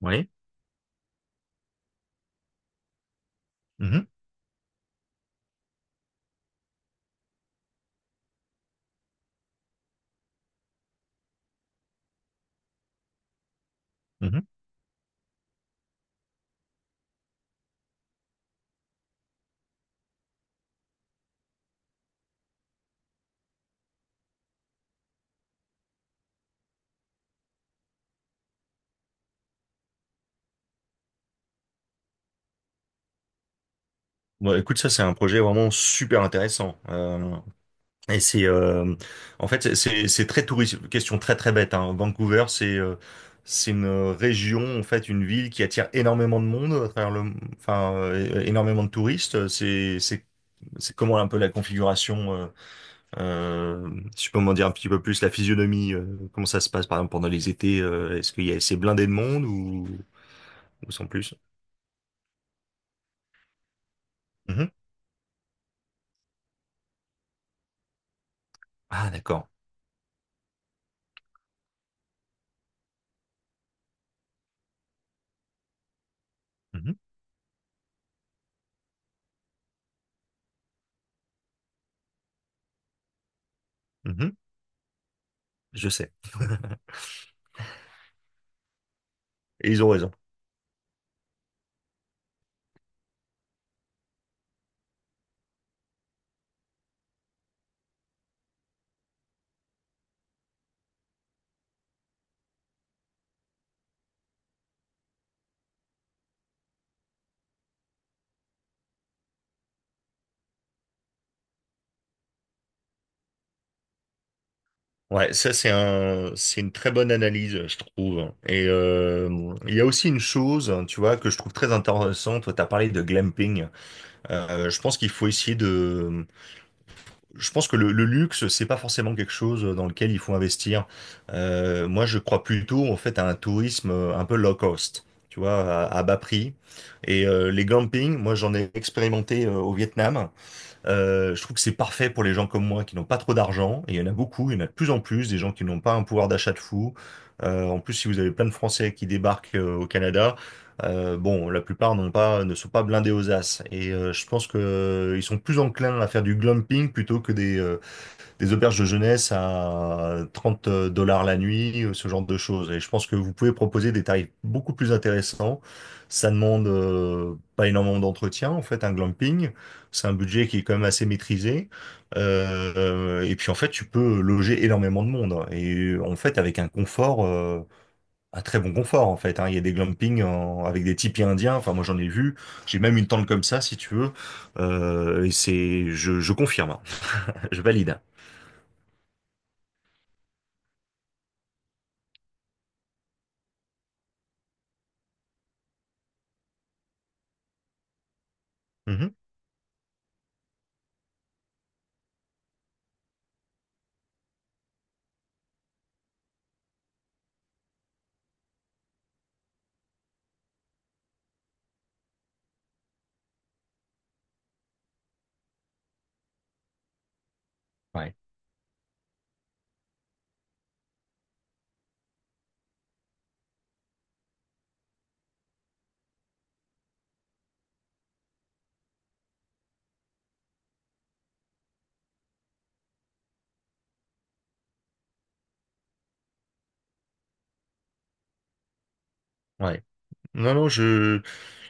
Oui. Mhm, mhm. Bon, écoute, ça, c'est un projet vraiment super intéressant. Et c'est, en fait, c'est très touristique. Question très très bête. Hein. Vancouver, c'est une région, en fait, une ville qui attire énormément de monde à travers le, enfin, énormément de touristes. C'est comment un peu la configuration. Euh, si je peux m'en dire un petit peu plus la physionomie. Comment ça se passe, par exemple, pendant les étés. Est-ce qu'il y a assez blindé de monde ou sans plus? Mhm. Ah, d'accord. Mhm, mhm. Je sais. Et ils ont raison. Ouais, ça c'est une très bonne analyse, je trouve. Et il y a aussi une chose, hein, tu vois, que je trouve très intéressante. Toi, t'as parlé de glamping. Je pense qu'il faut essayer de. Je pense que le luxe, c'est pas forcément quelque chose dans lequel il faut investir. Moi, je crois plutôt en fait à un tourisme un peu low cost. Tu vois, à bas prix. Et les glamping, moi j'en ai expérimenté au Vietnam. Je trouve que c'est parfait pour les gens comme moi qui n'ont pas trop d'argent. Et il y en a beaucoup, il y en a de plus en plus, des gens qui n'ont pas un pouvoir d'achat de fou. En plus, si vous avez plein de Français qui débarquent au Canada, bon, la plupart n'ont pas, ne sont pas blindés aux as. Et je pense que ils sont plus enclins à faire du glumping plutôt que des auberges de jeunesse à 30 $ la nuit, ce genre de choses. Et je pense que vous pouvez proposer des tarifs beaucoup plus intéressants. Ça demande pas énormément d'entretien, en fait, un glamping. C'est un budget qui est quand même assez maîtrisé. Et puis, en fait, tu peux loger énormément de monde. Et en fait, avec un très bon confort, en fait. Hein. Il y a des glampings avec des tipis indiens. Enfin, moi, j'en ai vu. J'ai même une tente comme ça, si tu veux. Et je confirme, hein. Je valide. Mhm. Ouais. Ouais. Non, non,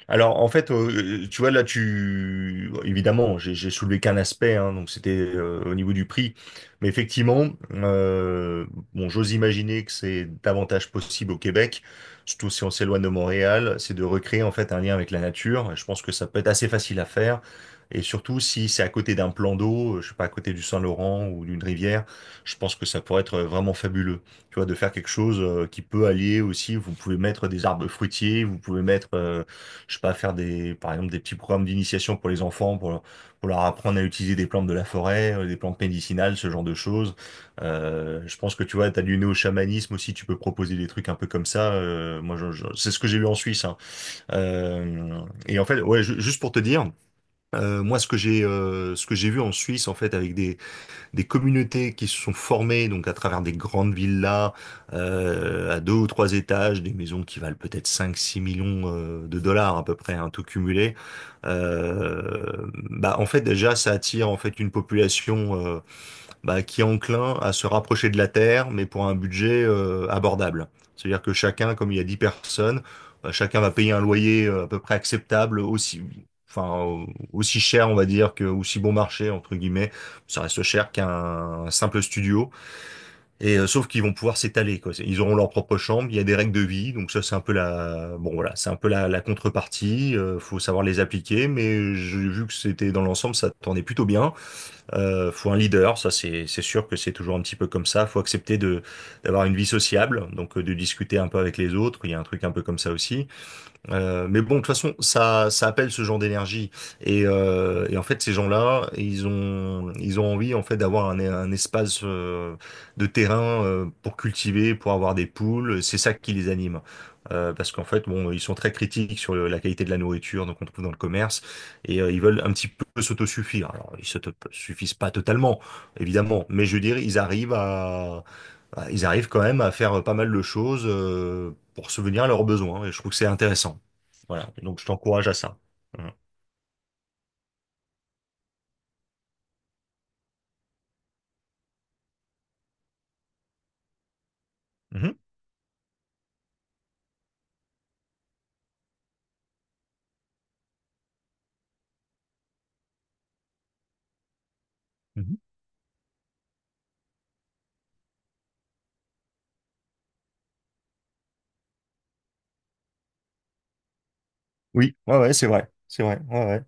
alors, en fait, tu vois, là, évidemment, j'ai soulevé qu'un aspect, hein, donc c'était au niveau du prix. Mais effectivement, bon, j'ose imaginer que c'est davantage possible au Québec, surtout si on s'éloigne de Montréal, c'est de recréer, en fait, un lien avec la nature. Et je pense que ça peut être assez facile à faire. Et surtout, si c'est à côté d'un plan d'eau, je sais pas, à côté du Saint-Laurent ou d'une rivière, je pense que ça pourrait être vraiment fabuleux. Tu vois, de faire quelque chose qui peut allier aussi, vous pouvez mettre des arbres fruitiers, vous pouvez mettre, je sais pas, faire des, par exemple, des petits programmes d'initiation pour les enfants, pour leur apprendre à utiliser des plantes de la forêt, des plantes médicinales, ce genre de choses. Je pense que tu vois, t'as du néo-chamanisme aussi, tu peux proposer des trucs un peu comme ça. Moi, c'est ce que j'ai eu en Suisse. Hein. Euh, et en fait, ouais, juste pour te dire, moi, ce que j'ai vu en Suisse, en fait, avec des communautés qui se sont formées donc à travers des grandes villas à 2 ou 3 étages, des maisons qui valent peut-être 5 6 millions de dollars à peu près, hein, tout cumulé. Bah en fait déjà ça attire en fait une population bah, qui est enclin à se rapprocher de la Terre, mais pour un budget abordable. C'est-à-dire que chacun, comme il y a 10 personnes, bah, chacun va payer un loyer à peu près acceptable, aussi, enfin, aussi cher, on va dire, que, aussi bon marché, entre guillemets, ça reste cher qu'un simple studio. Et sauf qu'ils vont pouvoir s'étaler, quoi. Ils auront leur propre chambre, il y a des règles de vie, donc ça, c'est un peu la, bon, voilà, c'est un peu la, la contrepartie, faut savoir les appliquer, mais j'ai vu que c'était dans l'ensemble, ça tournait plutôt bien. Faut un leader, ça c'est sûr que c'est toujours un petit peu comme ça. Faut accepter de d'avoir une vie sociable, donc de discuter un peu avec les autres. Il y a un truc un peu comme ça aussi. Mais bon, de toute façon, ça appelle ce genre d'énergie. Et en fait, ces gens-là, ils ont envie en fait d'avoir un espace de terrain pour cultiver, pour avoir des poules. C'est ça qui les anime. Parce qu'en fait, bon, ils sont très critiques sur la qualité de la nourriture, donc on trouve dans le commerce, et ils veulent un petit peu s'autosuffire. Alors, ils s'autosuffisent pas totalement, évidemment, mais je veux dire, ils arrivent quand même à faire pas mal de choses pour se venir à leurs besoins, et je trouve que c'est intéressant. Voilà. Donc, je t'encourage à ça. Voilà. Mhm. Mhm. Oui, ouais, ouais, c'est vrai. C'est vrai. Ouais, ouais.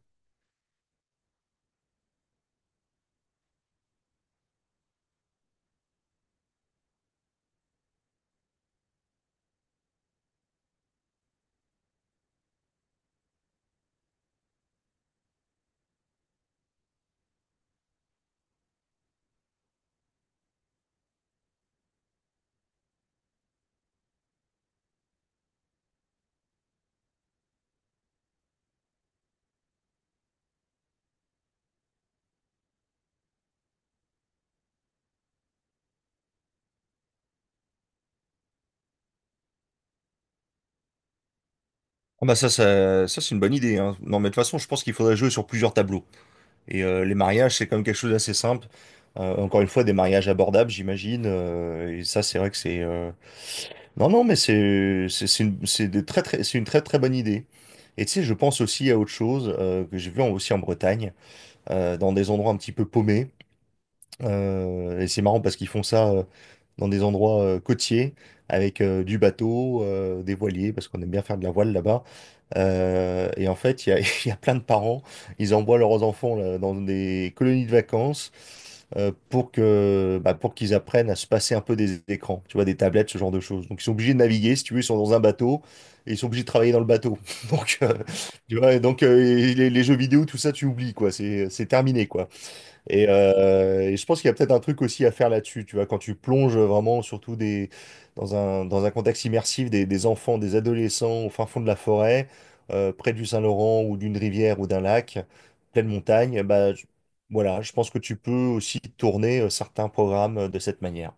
Ah bah ça, ça, ça, c'est une bonne idée. Hein. Non, mais de toute façon, je pense qu'il faudrait jouer sur plusieurs tableaux. Et les mariages, c'est quand même quelque chose d'assez simple. Encore une fois, des mariages abordables, j'imagine. Et ça, c'est vrai que c'est. Non, non, mais c'est c'est une très, très bonne idée. Et tu sais, je pense aussi à autre chose que j'ai vu aussi en Bretagne, dans des endroits un petit peu paumés. Et c'est marrant parce qu'ils font ça dans des endroits côtiers avec du bateau, des voiliers, parce qu'on aime bien faire de la voile là-bas. Et en fait, il y a, il y a plein de parents, ils envoient leurs enfants là, dans des colonies de vacances pour que, bah, pour qu'ils apprennent à se passer un peu des écrans, tu vois, des tablettes, ce genre de choses. Donc ils sont obligés de naviguer, si tu veux, ils sont dans un bateau et ils sont obligés de travailler dans le bateau. Donc, tu vois, et donc les jeux vidéo, tout ça, tu oublies, quoi. C'est terminé, quoi. Et je pense qu'il y a peut-être un truc aussi à faire là-dessus, tu vois, quand tu plonges vraiment, surtout dans un contexte immersif, des enfants, des adolescents au fin fond de la forêt, près du Saint-Laurent ou d'une rivière ou d'un lac, pleine montagne, bah, voilà, je pense que tu peux aussi tourner certains programmes de cette manière.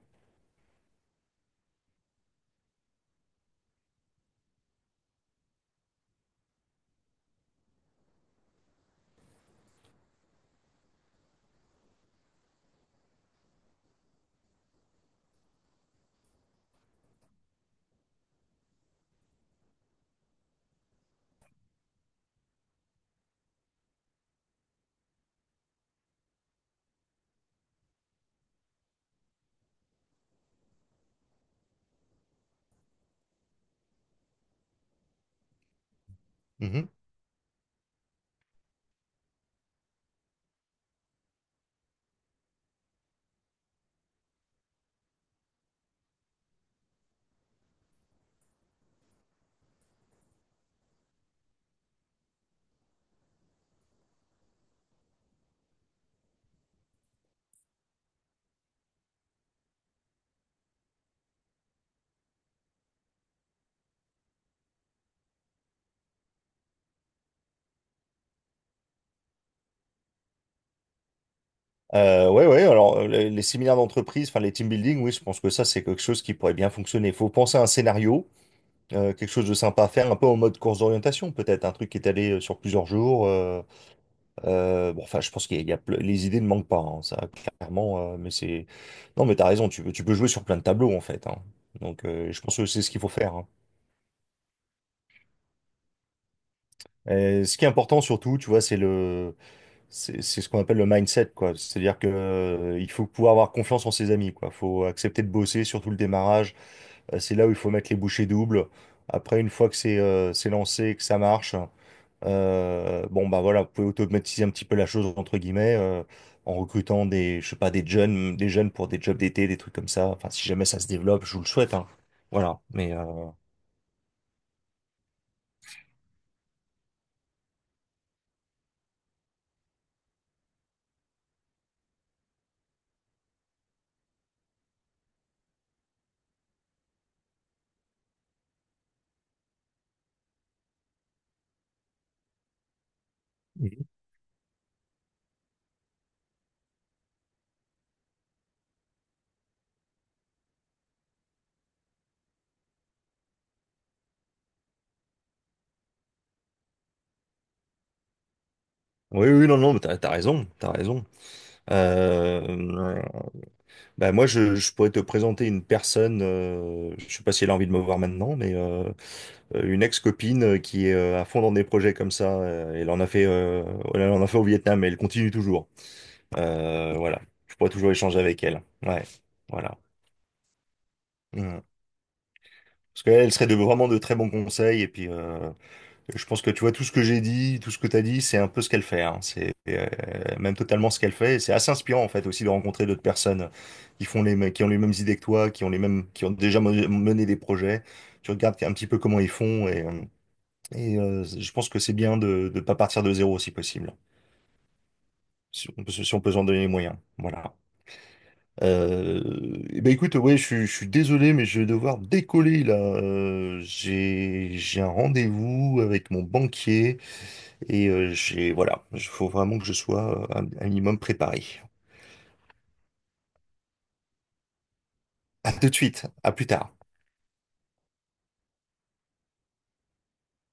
Mhm. Ouais, ouais, alors les séminaires d'entreprise, enfin les team building, oui, je pense que ça, c'est quelque chose qui pourrait bien fonctionner. Il faut penser à un scénario. Quelque chose de sympa à faire, un peu en mode course d'orientation peut-être, un truc qui est allé sur plusieurs jours. Bon, enfin, je pense qu'il y a, il y a ple- les idées ne manquent pas, hein, ça clairement. Mais c'est non, mais t'as raison, tu peux jouer sur plein de tableaux en fait. Hein. Donc, je pense que c'est ce qu'il faut faire. Hein. Et ce qui est important surtout, tu vois, c'est c'est ce qu'on appelle le mindset, quoi. C'est-à-dire que il faut pouvoir avoir confiance en ses amis, quoi. Faut accepter de bosser, surtout le démarrage. C'est là où il faut mettre les bouchées doubles. Après, une fois que c'est lancé, que ça marche. Bon, bah voilà, vous pouvez automatiser un petit peu la chose, entre guillemets, en recrutant des, je sais pas, des jeunes pour des jobs d'été, des trucs comme ça. Enfin, si jamais ça se développe, je vous le souhaite, hein. Voilà. Mhm. Oui, oui, non, non, mais t'as raison, t'as raison. Euh, bah moi, je pourrais te présenter une personne, je sais pas si elle a envie de me voir maintenant, mais une ex-copine qui est à fond dans des projets comme ça. Elle en a fait au Vietnam et elle continue toujours. Voilà. Je pourrais toujours échanger avec elle. Ouais. Voilà. Mm. Parce qu'elle serait de, vraiment de très bons conseils. Et puis, je pense que tu vois, tout ce que j'ai dit, tout ce que tu as dit, c'est un peu ce qu'elle fait. Hein. C'est même totalement ce qu'elle fait. Et c'est assez inspirant, en fait, aussi de rencontrer d'autres personnes qui font les qui ont les mêmes idées que toi, qui ont les mêmes, qui ont déjà mené des projets. Tu regardes un petit peu comment ils font. Et je pense que c'est bien de ne pas partir de zéro si possible. Si on peut, si on peut s'en donner les moyens. Voilà. Euh, eh ben écoute, ouais, je suis désolé, mais je vais devoir décoller là. J'ai un rendez-vous avec mon banquier et voilà, il faut vraiment que je sois un minimum préparé. À tout de suite, à plus tard.